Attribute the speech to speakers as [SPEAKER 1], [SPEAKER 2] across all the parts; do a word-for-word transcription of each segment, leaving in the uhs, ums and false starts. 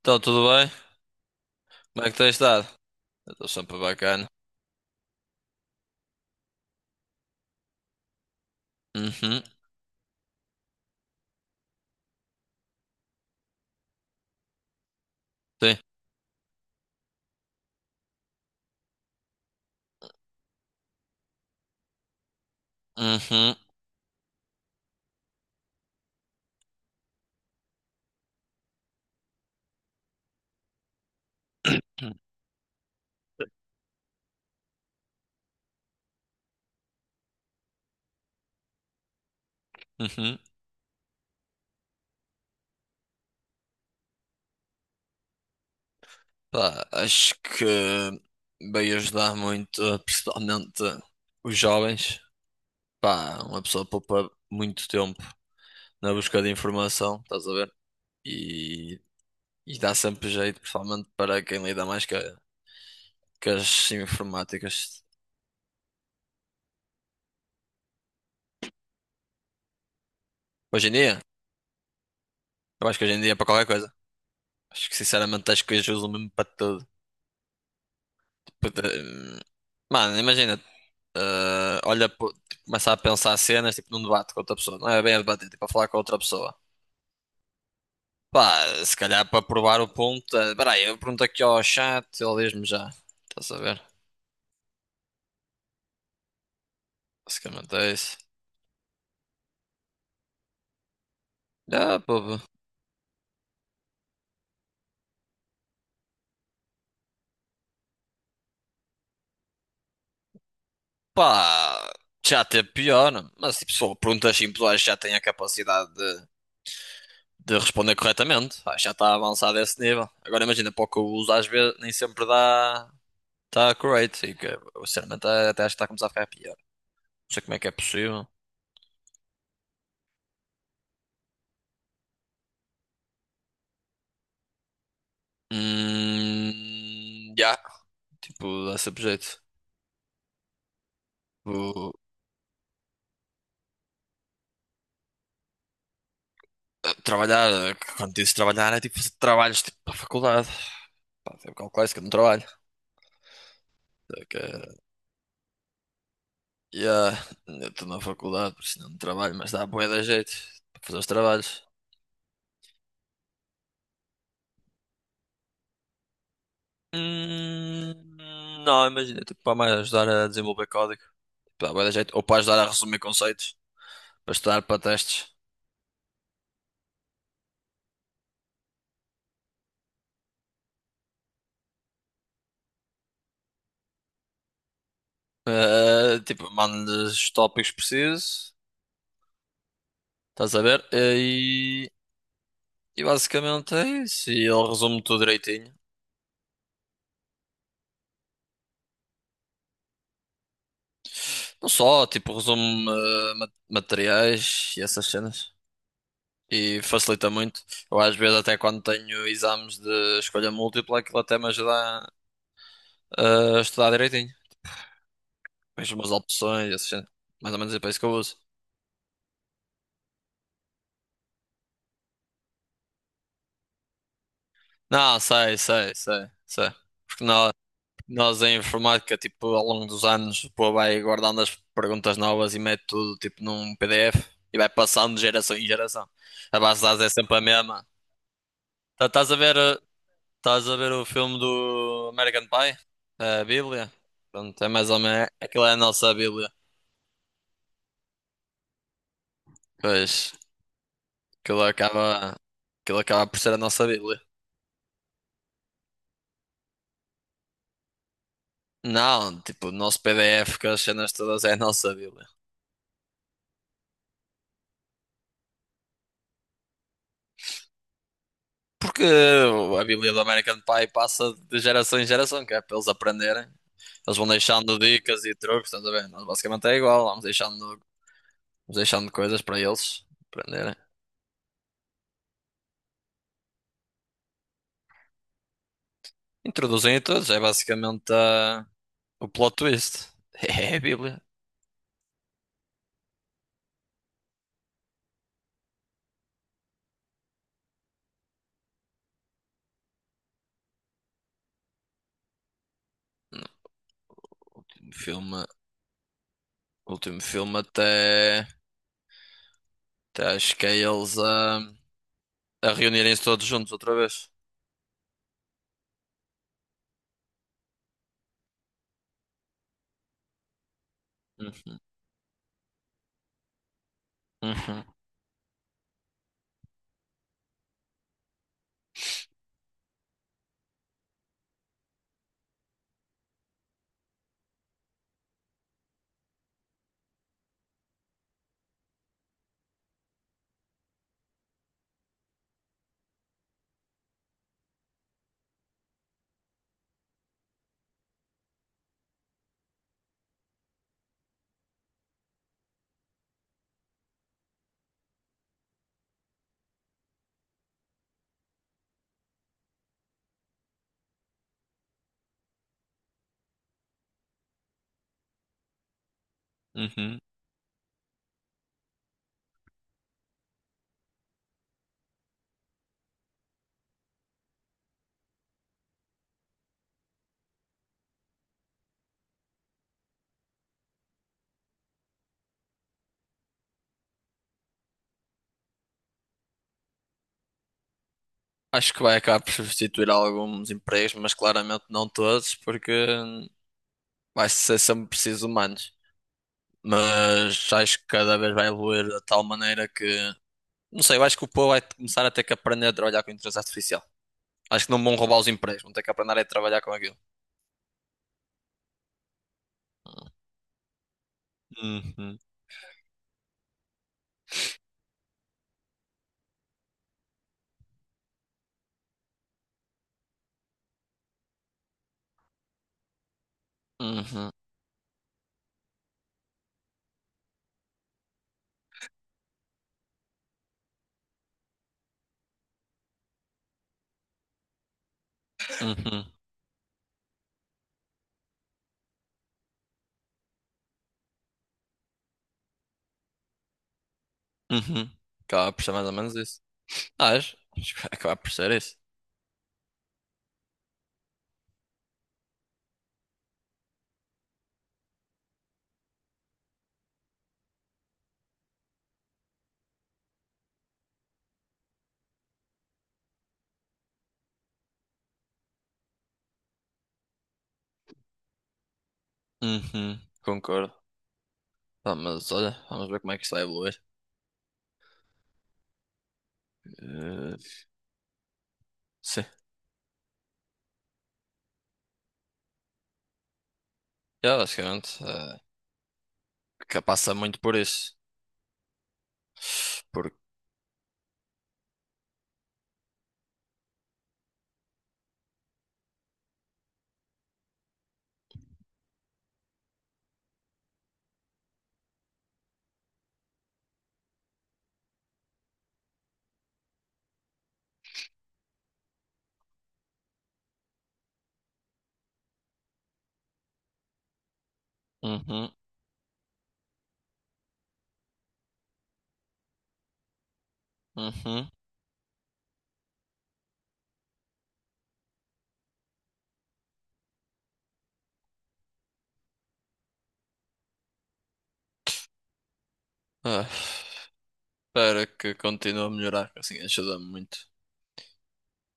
[SPEAKER 1] Então, tudo bem? Como é que tens estado? Eu estou sempre bacana. Uhum, sim. Uhum, uhum. Pá, acho que veio ajudar muito, principalmente os jovens. Pá, uma pessoa poupa muito tempo na busca de informação, estás a ver? E, e dá sempre jeito, principalmente para quem lida mais com, a- com as informáticas. Hoje em dia, eu acho que hoje em dia é para qualquer coisa. Acho que sinceramente acho que hoje usam mesmo para tudo. Tipo, de- hum, mano, imagina, eh, olha, pô, tipo, começa a pensar cenas, tipo, num debate com outra pessoa. Não é bem a debater, tipo, a falar com outra pessoa. Pá, se calhar para provar o ponto. eh, Espera aí, eu pergunto aqui ao chat, ele diz-me já. Estás a ver? Basicamente é isso. Já, pô, pá, já teve pior, mas tipo, se for perguntas simples, eu acho que já tem a capacidade de, de responder corretamente. Acho que já está avançado a esse nível. Agora imagina, para o que eu uso, às vezes nem sempre dá. Está correto, e que, eu, sinceramente até acho que está a começar a ficar pior. Não sei como é que é possível. Hum, já, tipo, dá sempre jeito. Vou eh, trabalhar, eh, quando dizes trabalhar, é tipo fazer trabalhos tipo para a faculdade. Pá, tem um bocado clássico, eu não trabalho. Só que, yeah, eu estou na faculdade, por isso não trabalho, mas dá bué da jeito para fazer os trabalhos. Hum, não, imagina, tipo, para mais ajudar a desenvolver código. Tipo, dá bué da jeito. Ou para ajudar a resumir conceitos, para estudar para testes. Eh, tipo, mando-lhes os tópicos precisos, estás a ver? E E basicamente é isso. E ele resume tudo direitinho. Não só, tipo, resume eh, ma- materiais e essas cenas. E facilita muito. Eu às vezes até quando tenho exames de escolha múltipla, aquilo até me ajuda a, a estudar direitinho. Vejo umas opções, e essas cenas. Mais ou menos é para isso que eu uso. Não, sei, sei, sei, sei. Porque na, Nós em informática, tipo, ao longo dos anos, pô, vai guardando as perguntas novas e mete tudo, tipo, num P D F e vai passando de geração em geração. A base de dados é sempre a mesma. Tá- Estás a ver, eh, estás a ver o filme do American Pie? A Bíblia? Pronto, é mais ou menos, aquilo é a nossa Bíblia. Pois, aquilo acaba, aquilo acaba por ser a nossa Bíblia. Não, tipo, o nosso P D F com as cenas todas é a nossa Bíblia. Porque a Bíblia do American Pie passa de geração em geração, que é para eles aprenderem. Eles vão deixando dicas e truques, estás a ver? Nós basicamente é igual, vamos deixando, vamos deixando coisas para eles aprenderem. Introduzem a todos, é basicamente ah, o plot twist. É a Bíblia. O filme, o último filme até, até acho que é eles a, a reunirem-se todos juntos outra vez. Uhum, uhum, uhum. Acho que vai acabar por substituir alguns empregos, mas claramente não todos, porque vai ser sempre preciso humanos, mas acho que cada vez vai evoluir de tal maneira que, não sei, eu acho que o povo vai começar a ter que aprender a trabalhar com inteligência artificial. Acho que não vão roubar os empregos, vão ter que aprender a trabalhar com aquilo. Uhum, uhum, uhum, uhum. Acaba por ser mais ou menos isso. Acho, acho que vai acabar por ser isso. Uhum, concordo. Ah, mas olha, vamos ver como é que isso vai evoluir. Eh, sim, é basicamente, eh, que passa muito por isso. Porque. Uhum, uhum. Ah. Espero que continue a melhorar, assim ajuda-me muito.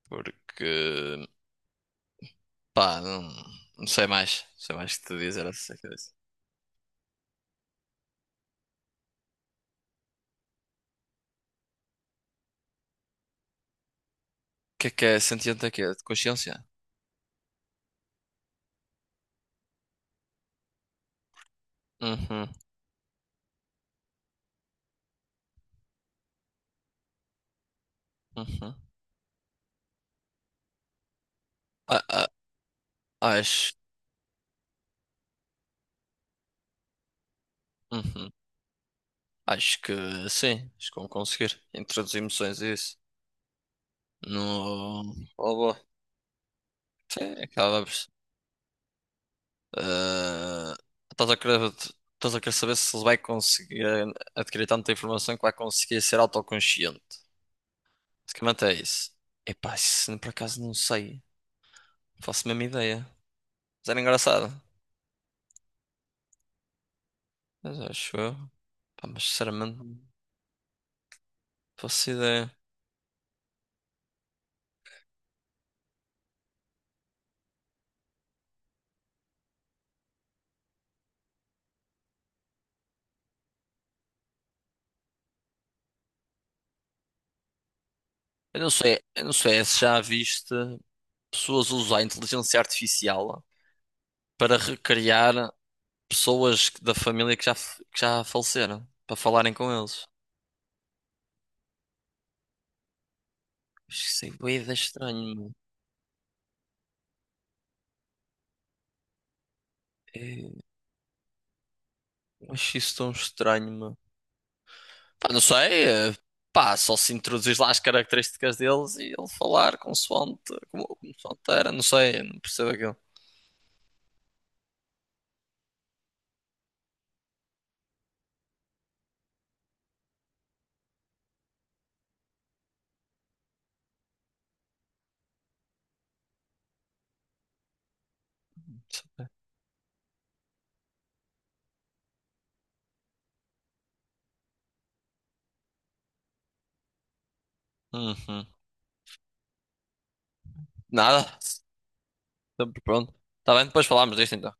[SPEAKER 1] Porque, pá, não, não sei mais. Não sei mais o que te dizer acerca disso. O que é que é sentiente aqui? É de consciência? Uhum, uhum. Ah, ah, acho, uhum. Acho que sim, acho que vou conseguir introduzir emoções e isso no robô. Sim, acabamos. Ah, estás a querer, estás a querer saber se ele vai conseguir adquirir tanta informação que vai conseguir ser autoconsciente. Basicamente é isso. Epá, isso por acaso não sei. Não faço a mesma ideia. Mas era engraçado. Mas acho eu. Pá, mas sinceramente não faço ideia. Eu não sei, eu não sei se já viste pessoas usar a inteligência artificial para recriar pessoas que- da família que já, f- que já faleceram. Para falarem com eles. Acho que isso é bué de estranho, meu. Eu acho isso tão estranho. Pá, não sei, eh, pá, só se introduzir lá as características deles e ele falar consoante, como, consoante era, não sei, não percebo aquilo. Uhum. Nada, sempre pronto. Tá bem, depois falámos disto então.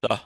[SPEAKER 1] Tá.